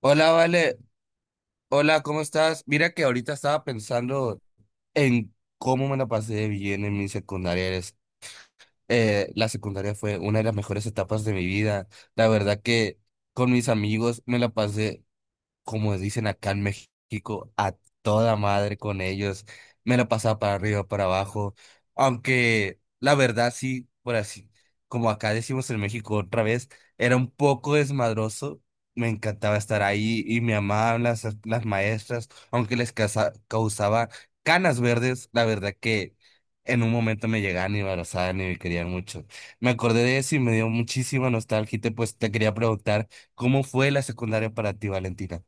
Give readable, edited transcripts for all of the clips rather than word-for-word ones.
Hola, Vale. Hola, ¿cómo estás? Mira que ahorita estaba pensando en cómo me la pasé de bien en mi secundaria. La secundaria fue una de las mejores etapas de mi vida. La verdad que con mis amigos me la pasé como dicen acá en México, a toda madre con ellos. Me la pasaba para arriba, para abajo. Aunque la verdad sí, por así, como acá decimos en México otra vez, era un poco desmadroso. Me encantaba estar ahí y me amaban las maestras, aunque les causaba canas verdes. La verdad que en un momento me llegaban y me abrazaban y me querían mucho. Me acordé de eso y me dio muchísima nostalgia y pues te quería preguntar, ¿cómo fue la secundaria para ti, Valentina?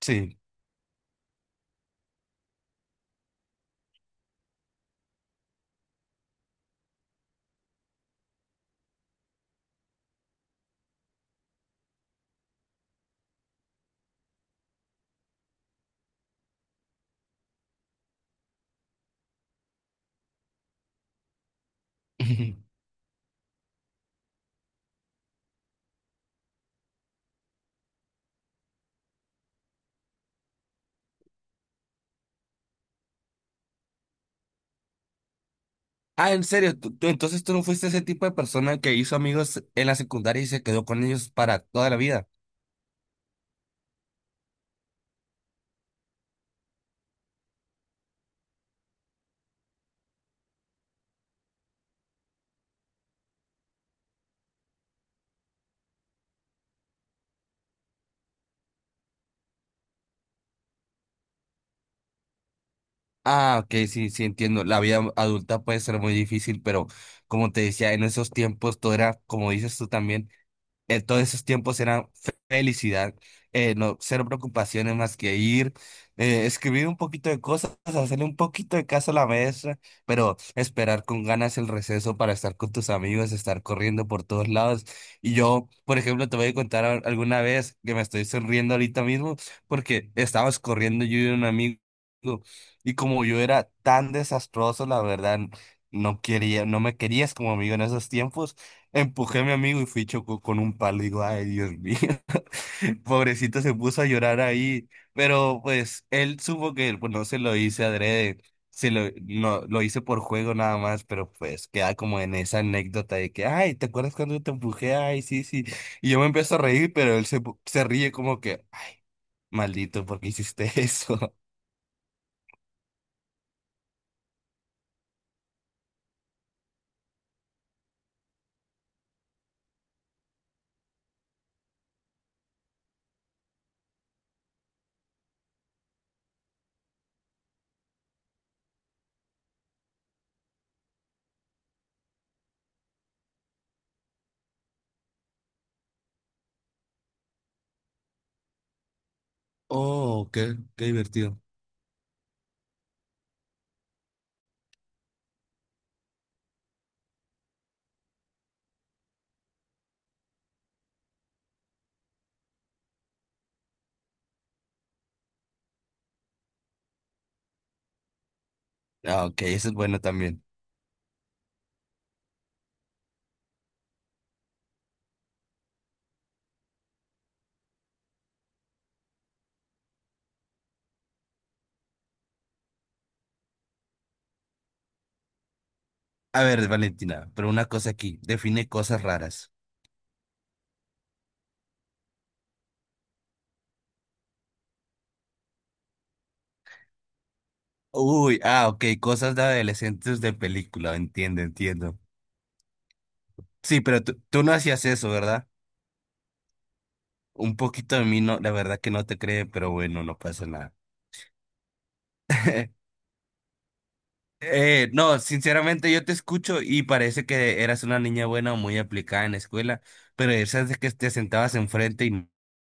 Sí. Ah, en serio, entonces tú no fuiste ese tipo de persona que hizo amigos en la secundaria y se quedó con ellos para toda la vida? Ah, ok, sí, sí, entiendo. La vida adulta puede ser muy difícil, pero como te decía, en esos tiempos todo era, como dices tú también. En todos esos tiempos era felicidad, no, cero preocupaciones más que ir, escribir un poquito de cosas, hacerle un poquito de caso a la maestra, pero esperar con ganas el receso para estar con tus amigos, estar corriendo por todos lados. Y yo, por ejemplo, te voy a contar alguna vez que me estoy sonriendo ahorita mismo porque estábamos corriendo yo y un amigo y como yo era tan desastroso, la verdad, no quería, no me querías como amigo en esos tiempos. Empujé a mi amigo y fui y chocó con un palo. Digo, ay, Dios mío. Pobrecito se puso a llorar ahí. Pero pues él supo que pues, no se lo hice adrede. Se lo, no, lo hice por juego nada más, pero pues queda como en esa anécdota de que, ay, ¿te acuerdas cuando te empujé? Ay, sí, sí. Y yo me empiezo a reír, pero él se, se ríe como que, ay, maldito, ¿por qué hiciste eso? Oh, qué divertido. Ah, ok, eso es bueno también. A ver, Valentina, pero una cosa aquí, define cosas raras. Uy, ah, ok, cosas de adolescentes de película, entiendo, entiendo. Sí, pero tú no hacías eso, ¿verdad? Un poquito de mí, no, la verdad que no te cree, pero bueno, no pasa nada. No, sinceramente yo te escucho y parece que eras una niña buena o muy aplicada en la escuela, pero esas de que te sentabas enfrente y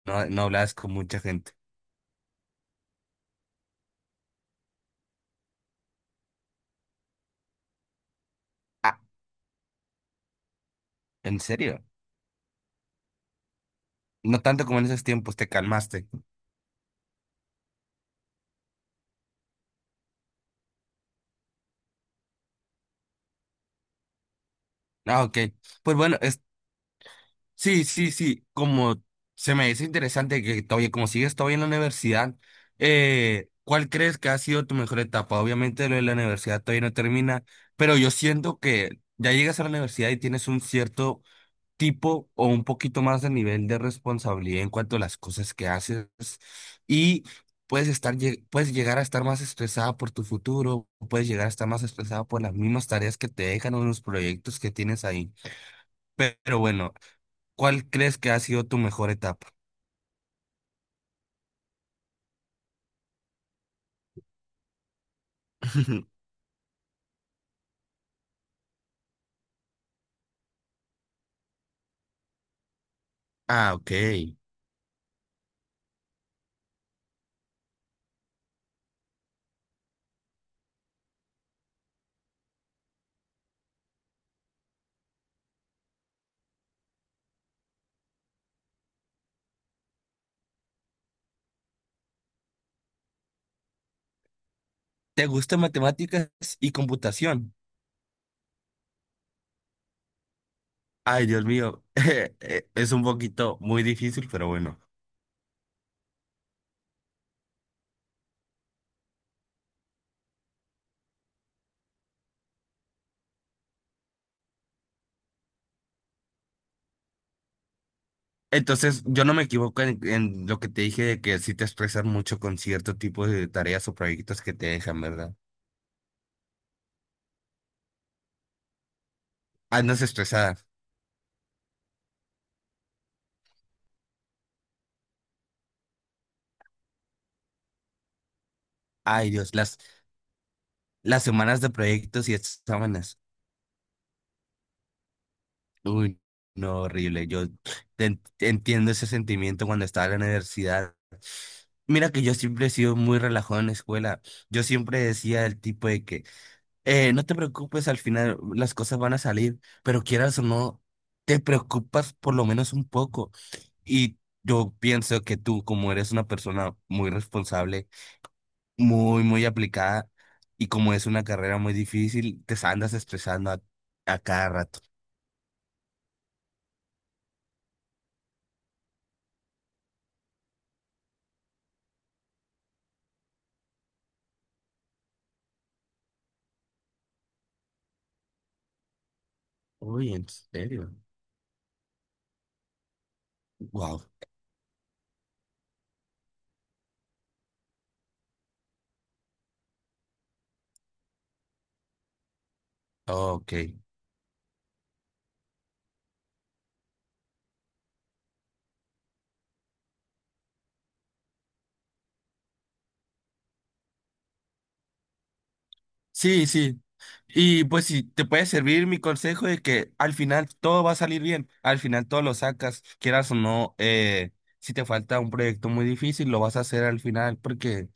no hablabas con mucha gente. Ah, ¿en serio? No tanto como en esos tiempos, te calmaste. Ah, ok. Pues bueno, sí, sí, sí, como se me dice interesante que todavía, como sigues todavía en la universidad, ¿cuál crees que ha sido tu mejor etapa? Obviamente lo de la universidad todavía no termina, pero yo siento que ya llegas a la universidad y tienes un cierto tipo o un poquito más de nivel de responsabilidad en cuanto a las cosas que haces y puedes estar, puedes llegar a estar más estresada por tu futuro, puedes llegar a estar más estresada por las mismas tareas que te dejan o los proyectos que tienes ahí. Pero bueno. ¿Cuál crees que ha sido tu mejor etapa? Ah, ok. ¿Te gustan matemáticas y computación? Ay, Dios mío, es un poquito muy difícil, pero bueno. Entonces, yo no me equivoco en lo que te dije de que sí te estresas mucho con cierto tipo de tareas o proyectos que te dejan, ¿verdad? Andas estresada. Ay, Dios, las semanas de proyectos y exámenes. Uy, no, horrible. Yo te entiendo ese sentimiento cuando estaba en la universidad. Mira que yo siempre he sido muy relajado en la escuela. Yo siempre decía el tipo de que, no te preocupes, al final las cosas van a salir, pero quieras o no, te preocupas por lo menos un poco. Y yo pienso que tú, como eres una persona muy responsable, muy aplicada, y como es una carrera muy difícil, te andas estresando a cada rato. Uy, ¿en serio? Wow. Ok. Sí, sí. Y pues si te puede servir mi consejo de que al final todo va a salir bien, al final todo lo sacas, quieras o no, si te falta un proyecto muy difícil, lo vas a hacer al final porque,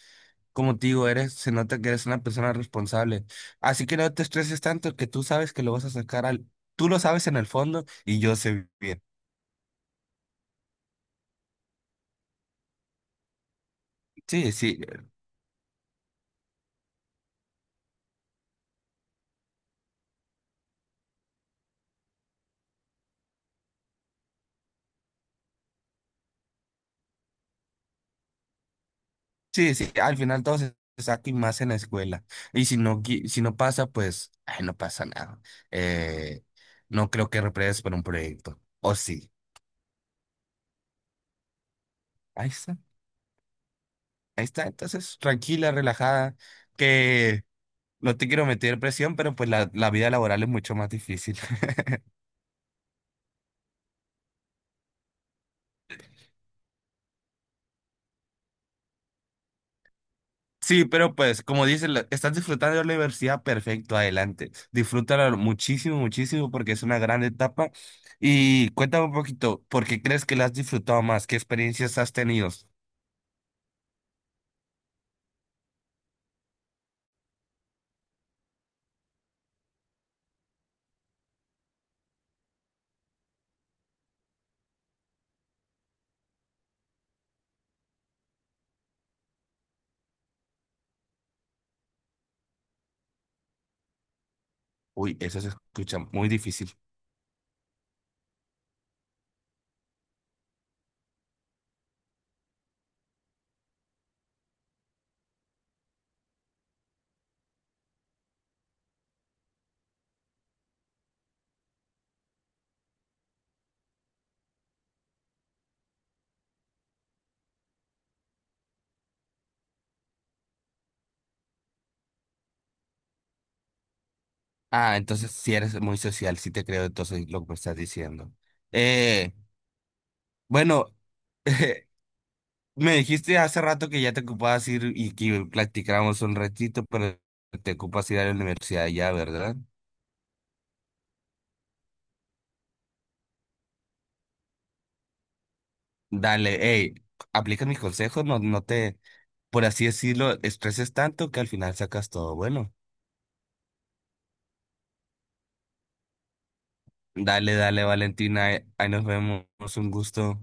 como te digo, eres, se nota que eres una persona responsable. Así que no te estreses tanto que tú sabes que lo vas a sacar al, tú lo sabes en el fondo y yo sé bien. Sí, sí, sí, sí, al final todo se saca y más en la escuela. Y si no, si no pasa, pues, ay, no pasa nada. Eh, no creo que repruebes por un proyecto. O sí. Ahí está. Ahí está. Entonces, tranquila, relajada, que no te quiero meter presión, pero pues la vida laboral es mucho más difícil. Sí, pero pues, como dices estás disfrutando de la universidad, perfecto, adelante. Disfrútala muchísimo, muchísimo, porque es una gran etapa. Y cuéntame un poquito, ¿por qué crees que la has disfrutado más? ¿Qué experiencias has tenido? Uy, eso se escucha muy difícil. Ah, entonces sí eres muy social, sí te creo entonces lo que me estás diciendo. Eh, bueno, me dijiste hace rato que ya te ocupabas ir y que platicáramos un ratito, pero te ocupas ir a la universidad ya, ¿verdad? Dale, hey, aplica mis consejos, no, no te, por así decirlo, estreses tanto que al final sacas todo bueno. Dale, dale, Valentina, ahí nos vemos, un gusto.